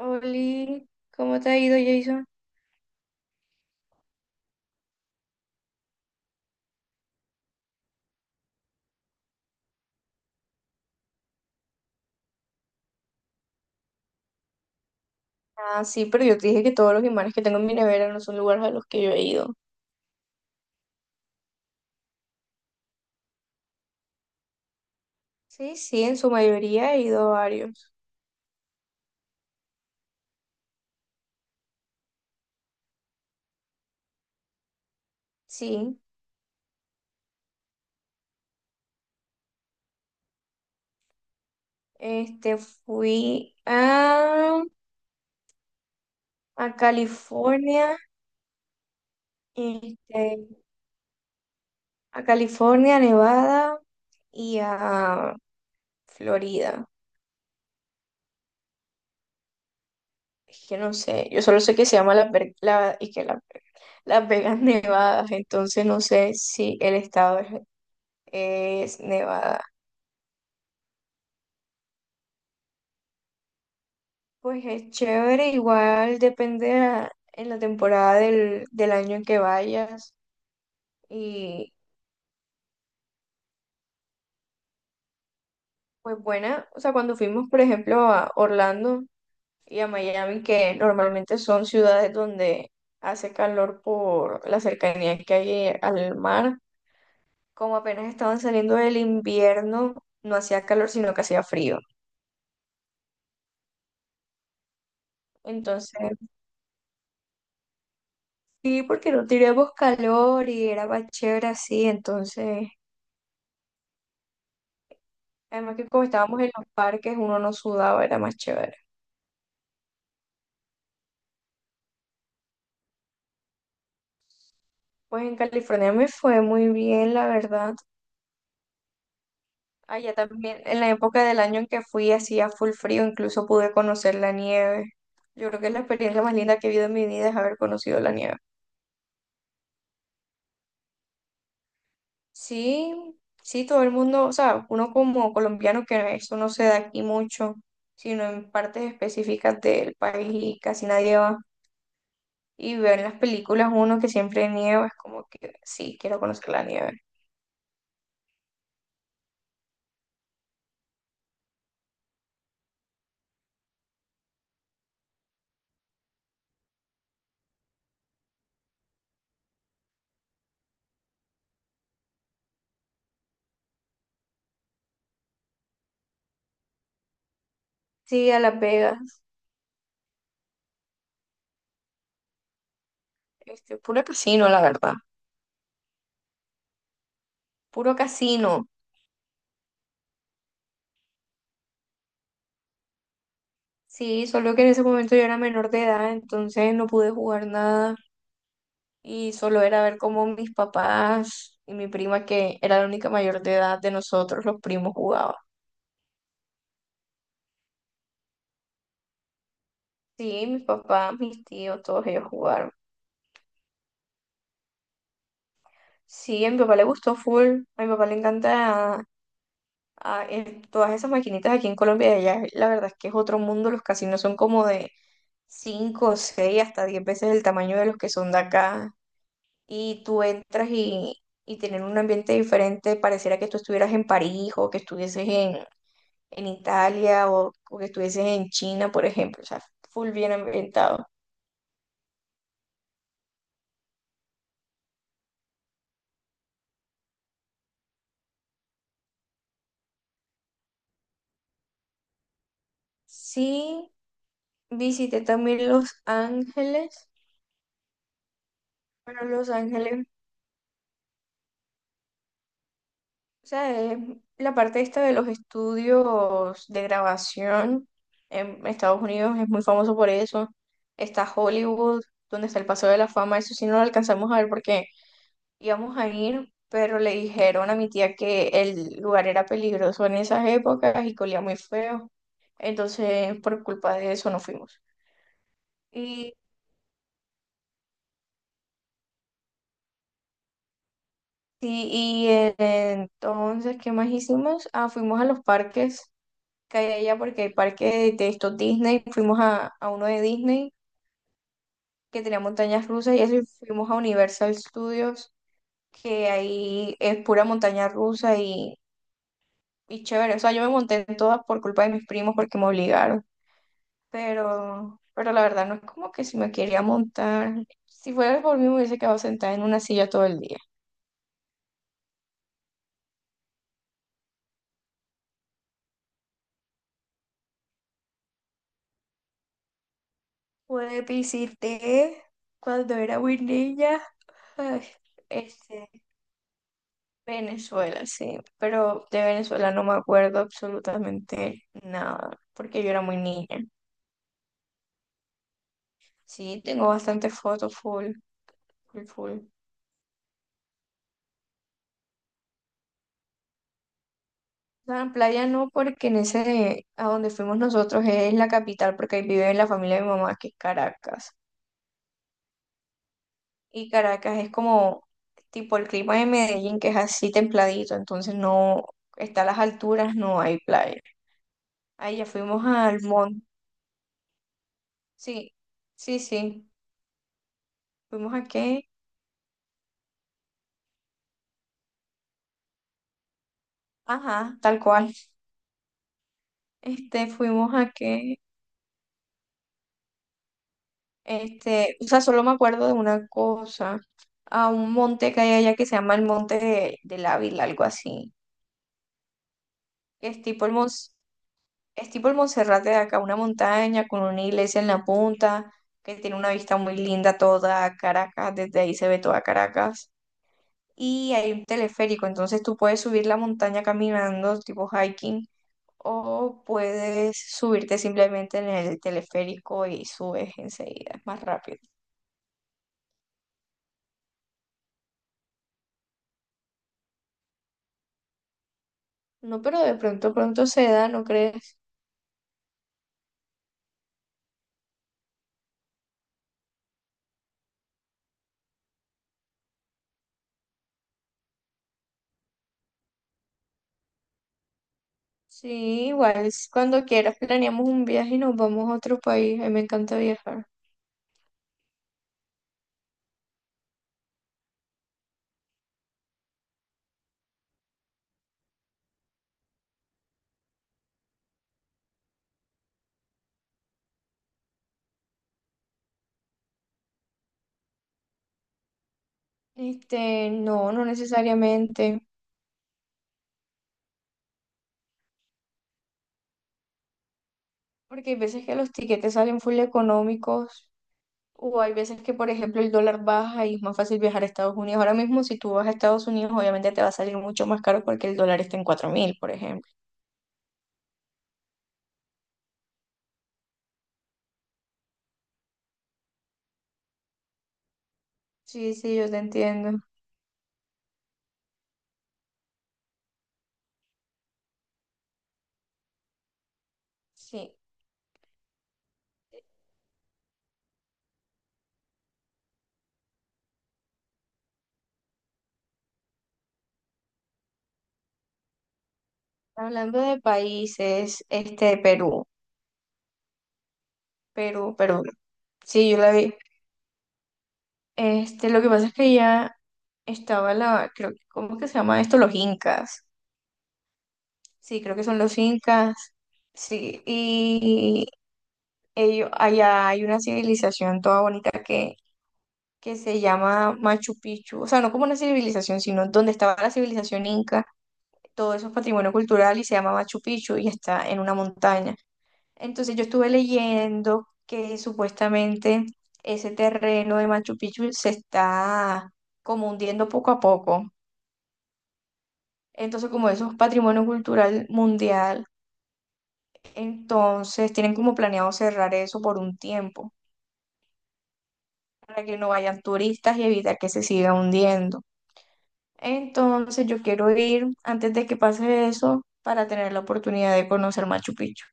Oli, ¿cómo te ha ido, Jason? Ah, sí, pero yo te dije que todos los imanes que tengo en mi nevera no son lugares a los que yo he ido. Sí, sí, en su mayoría he ido a varios. Sí, fui a California, este, a California, Nevada y a Florida. Es que no sé, yo solo sé que se llama la, Ver- la, y que la, Las Vegas Nevadas, entonces no sé si es Nevada. Pues es chévere, igual depende en la temporada del año en que vayas. Y pues buena, o sea, cuando fuimos, por ejemplo, a Orlando y a Miami, que normalmente son ciudades donde hace calor por la cercanía que hay al mar, como apenas estaban saliendo del invierno, no hacía calor, sino que hacía frío. Entonces, sí, porque no teníamos calor y era más chévere así, entonces... Además que como estábamos en los parques, uno no sudaba, era más chévere. Pues en California me fue muy bien, la verdad. Allá también, en la época del año en que fui, hacía full frío, incluso pude conocer la nieve. Yo creo que es la experiencia más linda que he vivido en mi vida es haber conocido la nieve. Sí, sí, todo el mundo, o sea, uno como colombiano que eso no se da aquí mucho, sino en partes específicas del país y casi nadie va. Y ver en las películas uno que siempre nieva, es como que sí, quiero conocer la nieve. Sí, a Las Vegas. Puro casino, la verdad. Puro casino. Sí, solo que en ese momento yo era menor de edad, entonces no pude jugar nada. Y solo era ver cómo mis papás y mi prima, que era la única mayor de edad de nosotros, los primos jugaban. Sí, mis papás, mis tíos, todos ellos jugaron. Sí, a mi papá le gustó full. A mi papá le encanta todas esas maquinitas aquí en Colombia. Y allá, la verdad es que es otro mundo. Los casinos son como de 5 6 hasta 10 veces el tamaño de los que son de acá. Y tú entras y tienen un ambiente diferente, pareciera que tú estuvieras en París o que estuvieses en Italia o que estuvieses en China, por ejemplo, o sea, full bien ambientado. Sí, visité también Los Ángeles, pero Los Ángeles, o sea, es la parte esta de los estudios de grabación en Estados Unidos es muy famoso por eso. Está Hollywood, donde está el Paseo de la Fama, eso sí no lo alcanzamos a ver porque íbamos a ir, pero le dijeron a mi tía que el lugar era peligroso en esas épocas y que olía muy feo. Entonces, por culpa de eso no fuimos. Y, sí, entonces, ¿qué más hicimos? Ah, fuimos a los parques que hay allá, porque hay parques de estos Disney. Fuimos a uno de Disney que tenía montañas rusas y eso, y fuimos a Universal Studios, que ahí es pura montaña rusa y chévere. O sea, yo me monté en todas por culpa de mis primos porque me obligaron. Pero la verdad no es como que si me quería montar. Si fuera por mí, me hubiese quedado sentada en una silla todo el día. Pues visité cuando era muy niña, ay, este, Venezuela, sí, pero de Venezuela no me acuerdo absolutamente nada, porque yo era muy niña. Sí, tengo bastantes fotos full, full, full. La playa no, porque en ese, a donde fuimos nosotros es la capital, porque ahí vive la familia de mi mamá, que es Caracas. Y Caracas es como tipo el clima de Medellín, que es así templadito, entonces no está a las alturas, no hay playa. Ahí ya fuimos al monte. Sí, sí, sí. Fuimos a qué. Ajá, tal cual. Fuimos a qué. O sea, solo me acuerdo de una cosa. A un monte que hay allá que se llama el Monte del Ávila, algo así. Que es tipo el monte. Es tipo el Monserrate de acá, una montaña con una iglesia en la punta, que tiene una vista muy linda toda Caracas, desde ahí se ve toda Caracas. Y hay un teleférico, entonces tú puedes subir la montaña caminando, tipo hiking, o puedes subirte simplemente en el teleférico y subes enseguida, es más rápido. No, pero de pronto, pronto se da, ¿no crees? Sí, igual, es cuando quieras planeamos un viaje y nos vamos a otro país, a mí me encanta viajar. No, no necesariamente. Porque hay veces que los tiquetes salen full económicos o hay veces que, por ejemplo, el dólar baja y es más fácil viajar a Estados Unidos. Ahora mismo, si tú vas a Estados Unidos, obviamente te va a salir mucho más caro porque el dólar está en 4000 por ejemplo. Sí, sí, yo te entiendo. Sí. Hablando de países, Perú, Perú. Sí, yo la vi. Lo que pasa es que ya estaba la, creo, ¿cómo que se llama esto? Los incas. Sí, creo que son los incas. Sí, allá hay una civilización toda bonita que se llama Machu Picchu, o sea, no como una civilización, sino donde estaba la civilización inca, todo eso es patrimonio cultural y se llama Machu Picchu y está en una montaña. Entonces yo estuve leyendo que supuestamente ese terreno de Machu Picchu se está como hundiendo poco a poco. Entonces, como eso es patrimonio cultural mundial, entonces tienen como planeado cerrar eso por un tiempo para que no vayan turistas y evitar que se siga hundiendo. Entonces yo quiero ir antes de que pase eso para tener la oportunidad de conocer Machu Picchu.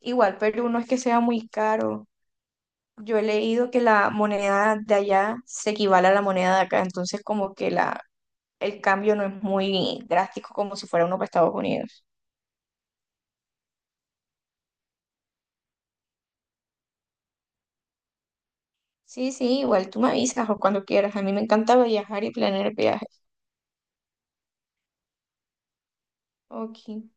Igual Perú no es que sea muy caro. Yo he leído que la moneda de allá se equivale a la moneda de acá, entonces como que el cambio no es muy drástico como si fuera uno para Estados Unidos. Sí, sí, igual tú me avisas o cuando quieras. A mí me encanta viajar y planear viajes. Ok.